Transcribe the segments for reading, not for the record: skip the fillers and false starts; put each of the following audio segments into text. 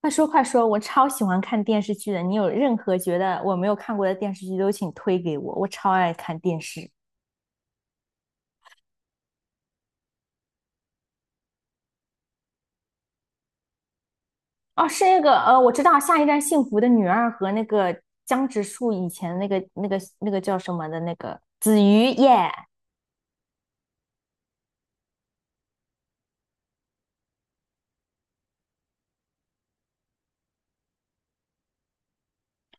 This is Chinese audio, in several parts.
快说快说，我超喜欢看电视剧的。你有任何觉得我没有看过的电视剧都请推给我，我超爱看电视。哦，是那个我知道《下一站幸福的女二》和那个江直树以前那个叫什么的那个子瑜耶。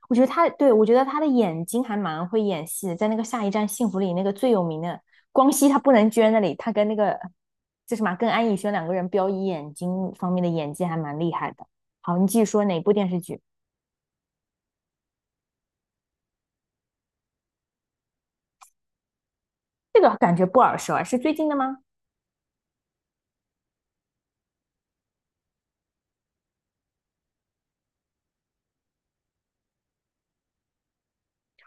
我觉得她对我觉得她的眼睛还蛮会演戏的，在那个《下一站幸福》里那个最有名的光熙他不能捐那里，他跟那个就什么啊跟安以轩两个人飙以眼睛方面的演技还蛮厉害的。好，你继续说哪部电视剧？这个感觉不耳熟啊，是最近的吗？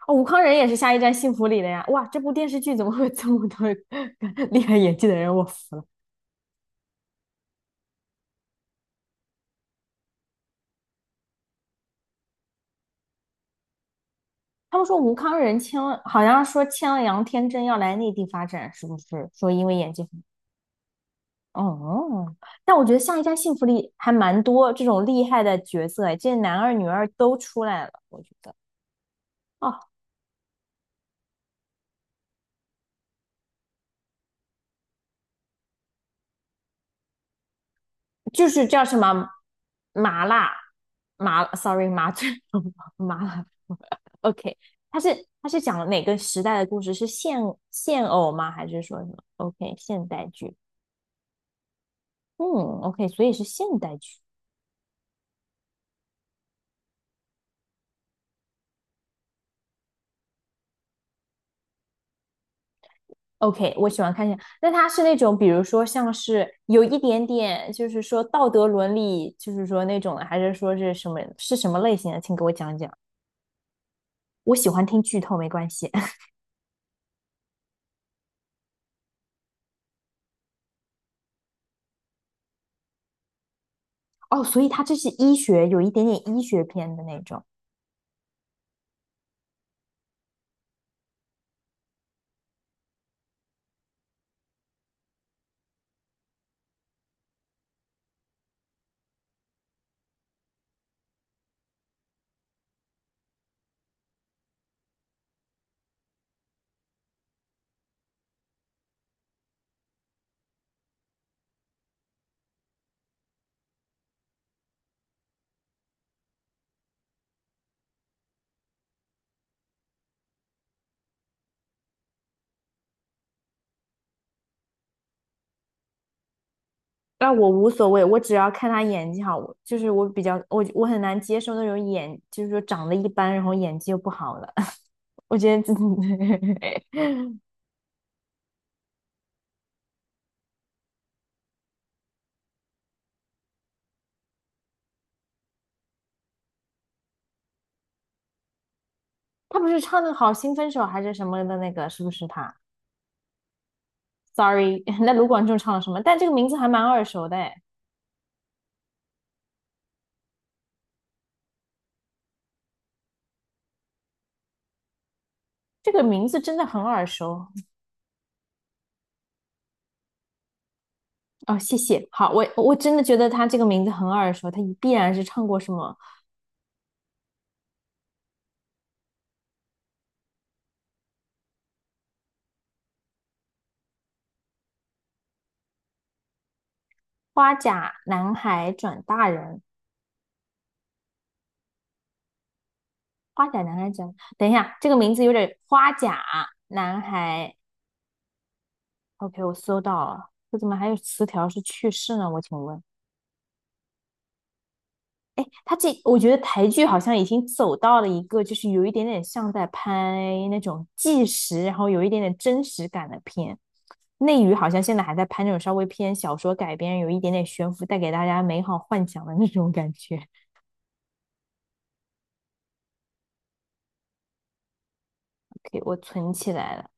哦，吴康仁也是《下一站幸福》里的呀。哇，这部电视剧怎么会有这么多 厉害演技的人？我服了。他们说吴康仁签了，好像说签了杨天真要来内地发展，是不是？说因为演技。哦，但我觉得《下一站幸福》里还蛮多这种厉害的角色，哎，这男二女二都出来了，我觉得。哦，就是叫什么麻辣麻，sorry 麻醉 麻辣 ，OK，它是讲哪个时代的故事？是现现偶吗？还是说什么？OK，现代剧，嗯，OK，所以是现代剧。OK，我喜欢看现，那它是那种，比如说像是有一点点，就是说道德伦理，就是说那种的，还是说是什么类型的？请给我讲讲。我喜欢听剧透，没关系。哦，所以它这是医学，有一点点医学片的那种。那我无所谓，我只要看他演技好，就是我比较我很难接受那种演，就是说长得一般，然后演技又不好的。我觉得自己 他不是唱的《好心分手》还是什么的那个，是不是他？Sorry，那卢广仲唱了什么？但这个名字还蛮耳熟的，哎，这个名字真的很耳熟哦。谢谢，好，我真的觉得他这个名字很耳熟，他必然是唱过什么《花甲男孩转大人》花甲男孩讲，等一下，这个名字有点花甲男孩。OK，我搜到了，这怎么还有词条是去世呢？我请问，哎，他这我觉得台剧好像已经走到了一个，就是有一点点像在拍那种纪实，然后有一点点真实感的片。内娱好像现在还在拍那种稍微偏小说改编，有一点点悬浮，带给大家美好幻想的那种感觉。OK，我存起来了。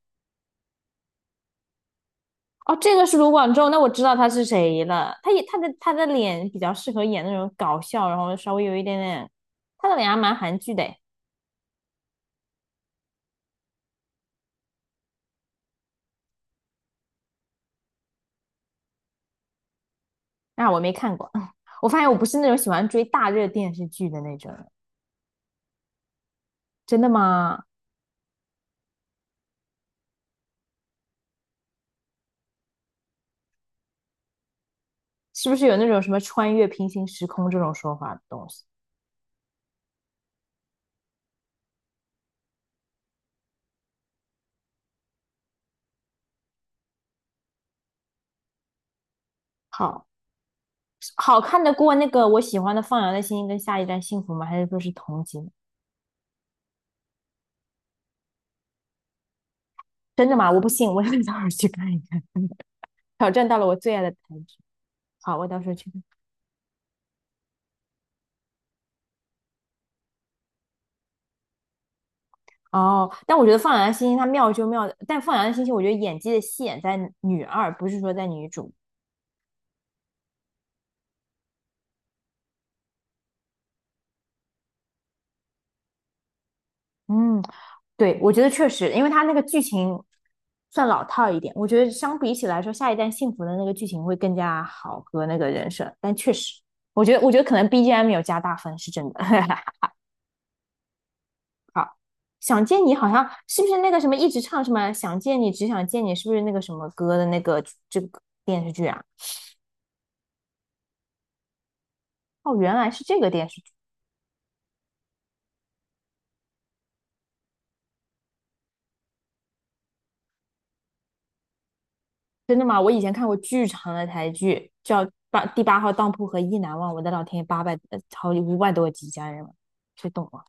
哦，这个是卢广仲，那我知道他是谁了。他也他的脸比较适合演那种搞笑，然后稍微有一点点，他的脸还蛮韩剧的诶。那我没看过，我发现我不是那种喜欢追大热电视剧的那种人真的吗？是不是有那种什么穿越平行时空这种说法的东西？好，好看得过那个我喜欢的《放羊的星星》跟《下一站幸福》吗？还是说是同级？真的吗？我不信，我得到时候去看一看，挑战到了我最爱的台剧。好，我到时候去看。哦，但我觉得放羊的星星它妙就妙，但放羊的星星我觉得演技的戏演在女二，不是说在女主。嗯，对，我觉得确实，因为它那个剧情算老套一点，我觉得相比起来说，《下一站幸福》的那个剧情会更加好和那个人设，但确实，我觉得可能 BGM 有加大分是真的。好，想见你好像是不是那个什么一直唱什么想见你只想见你，是不是那个什么歌的那个这个电视剧啊？哦，原来是这个电视。剧。真的吗？我以前看过巨长的台剧，叫《八第八号当铺》和《意难忘》，我的老天爷，八百好五百多集，家人们，谁懂啊？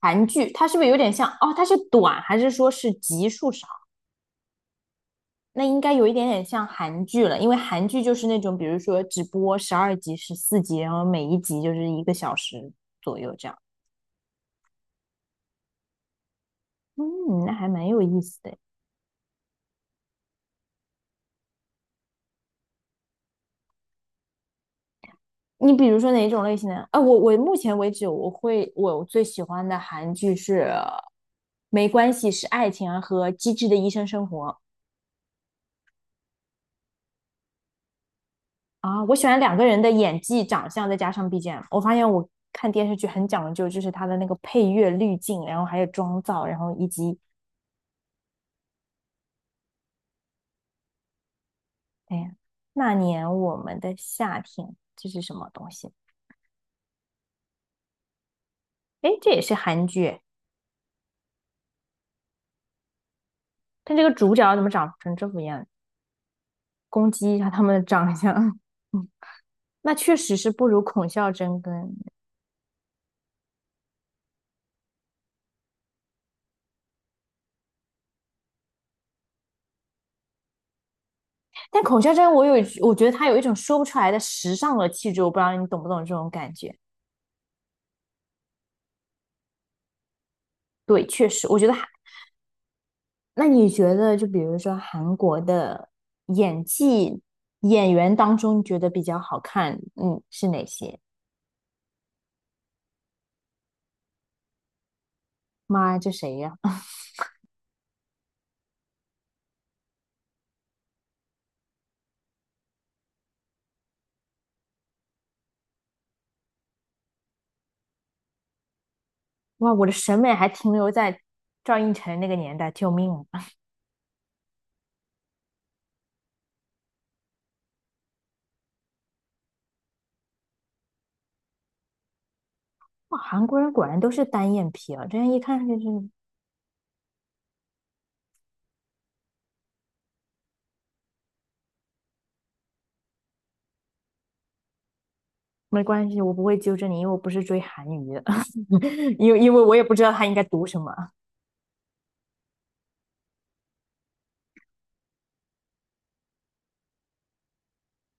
韩剧它是不是有点像？哦，它是短还是说是集数少？那应该有一点点像韩剧了，因为韩剧就是那种，比如说只播十二集、十四集，然后每一集就是一个小时左右这样。嗯，那还蛮有意思的。你比如说哪种类型的？啊，我目前为止我最喜欢的韩剧是《没关系是爱情》啊和《机智的医生生活》啊，我喜欢两个人的演技、长相，再加上 BGM。我发现我看电视剧很讲究，就是它的那个配乐滤镜，然后还有妆造，然后以及哎呀，那年我们的夏天，这是什么东西？哎，这也是韩剧但这个主角怎么长成这副样？攻击一下他们的长相。那确实是不如孔孝真跟，但孔孝真我觉得她有一种说不出来的时尚的气质，我不知道你懂不懂这种感觉。对，确实，我觉得那你觉得就比如说韩国的演技演员当中，你觉得比较好看，嗯，是哪些？妈呀，这谁呀、哇，我的审美还停留在赵寅成那个年代，救命啊！哇，韩国人果然都是单眼皮啊，这样一看就是没关系，我不会纠正你，因为我不是追韩语的，因为我也不知道它应该读什么。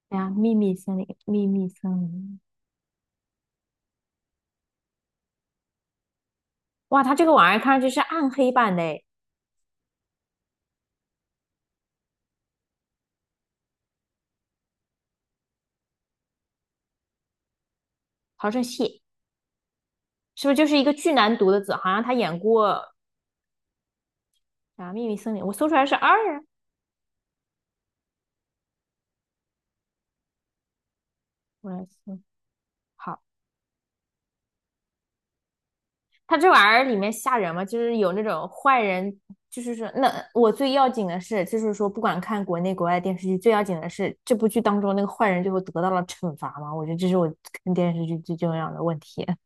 哎呀，秘密森林，秘密森林，哇，它这个玩意儿看上去是暗黑版的诶，好像蟹，是不是就是一个巨难读的字？好像他演过啊《秘密森林》，我搜出来是二啊，我来搜，好。他这玩意儿里面吓人吗？就是有那种坏人，就是说，那我最要紧的是，就是说，不管看国内国外电视剧，最要紧的是这部剧当中那个坏人最后得到了惩罚吗？我觉得这是我看电视剧最重要的问题。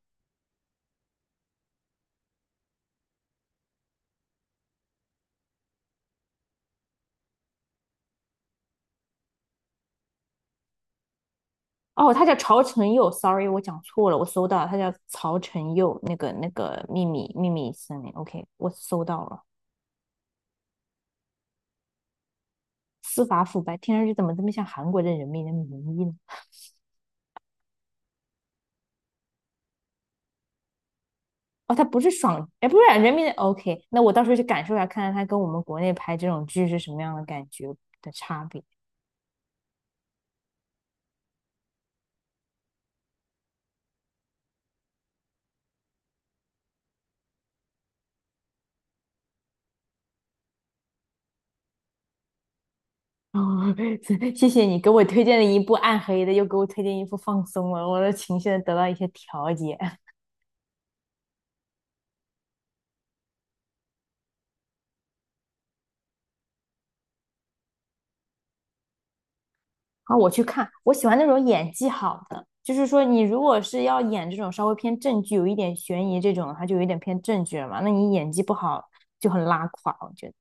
哦，他叫曹承佑，sorry，我讲错了，我搜到了他叫曹承佑，那个那个秘密森林，OK，我搜到了。司法腐败，听上去怎么这么像韩国的人民的名义呢？哦，他不是爽，哎，不是啊人民的 OK，那我到时候去感受一下，看看他跟我们国内拍这种剧是什么样的感觉的差别。哦，谢谢你给我推荐了一部暗黑的，又给我推荐一部放松了，我的情绪得到一些调节。啊，我去看，我喜欢那种演技好的，就是说你如果是要演这种稍微偏正剧，有一点悬疑这种，它就有一点偏正剧了嘛。那你演技不好就很拉垮，我觉得。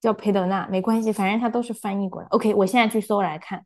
叫裴德娜没关系，反正它都是翻译过来。OK，我现在去搜来看。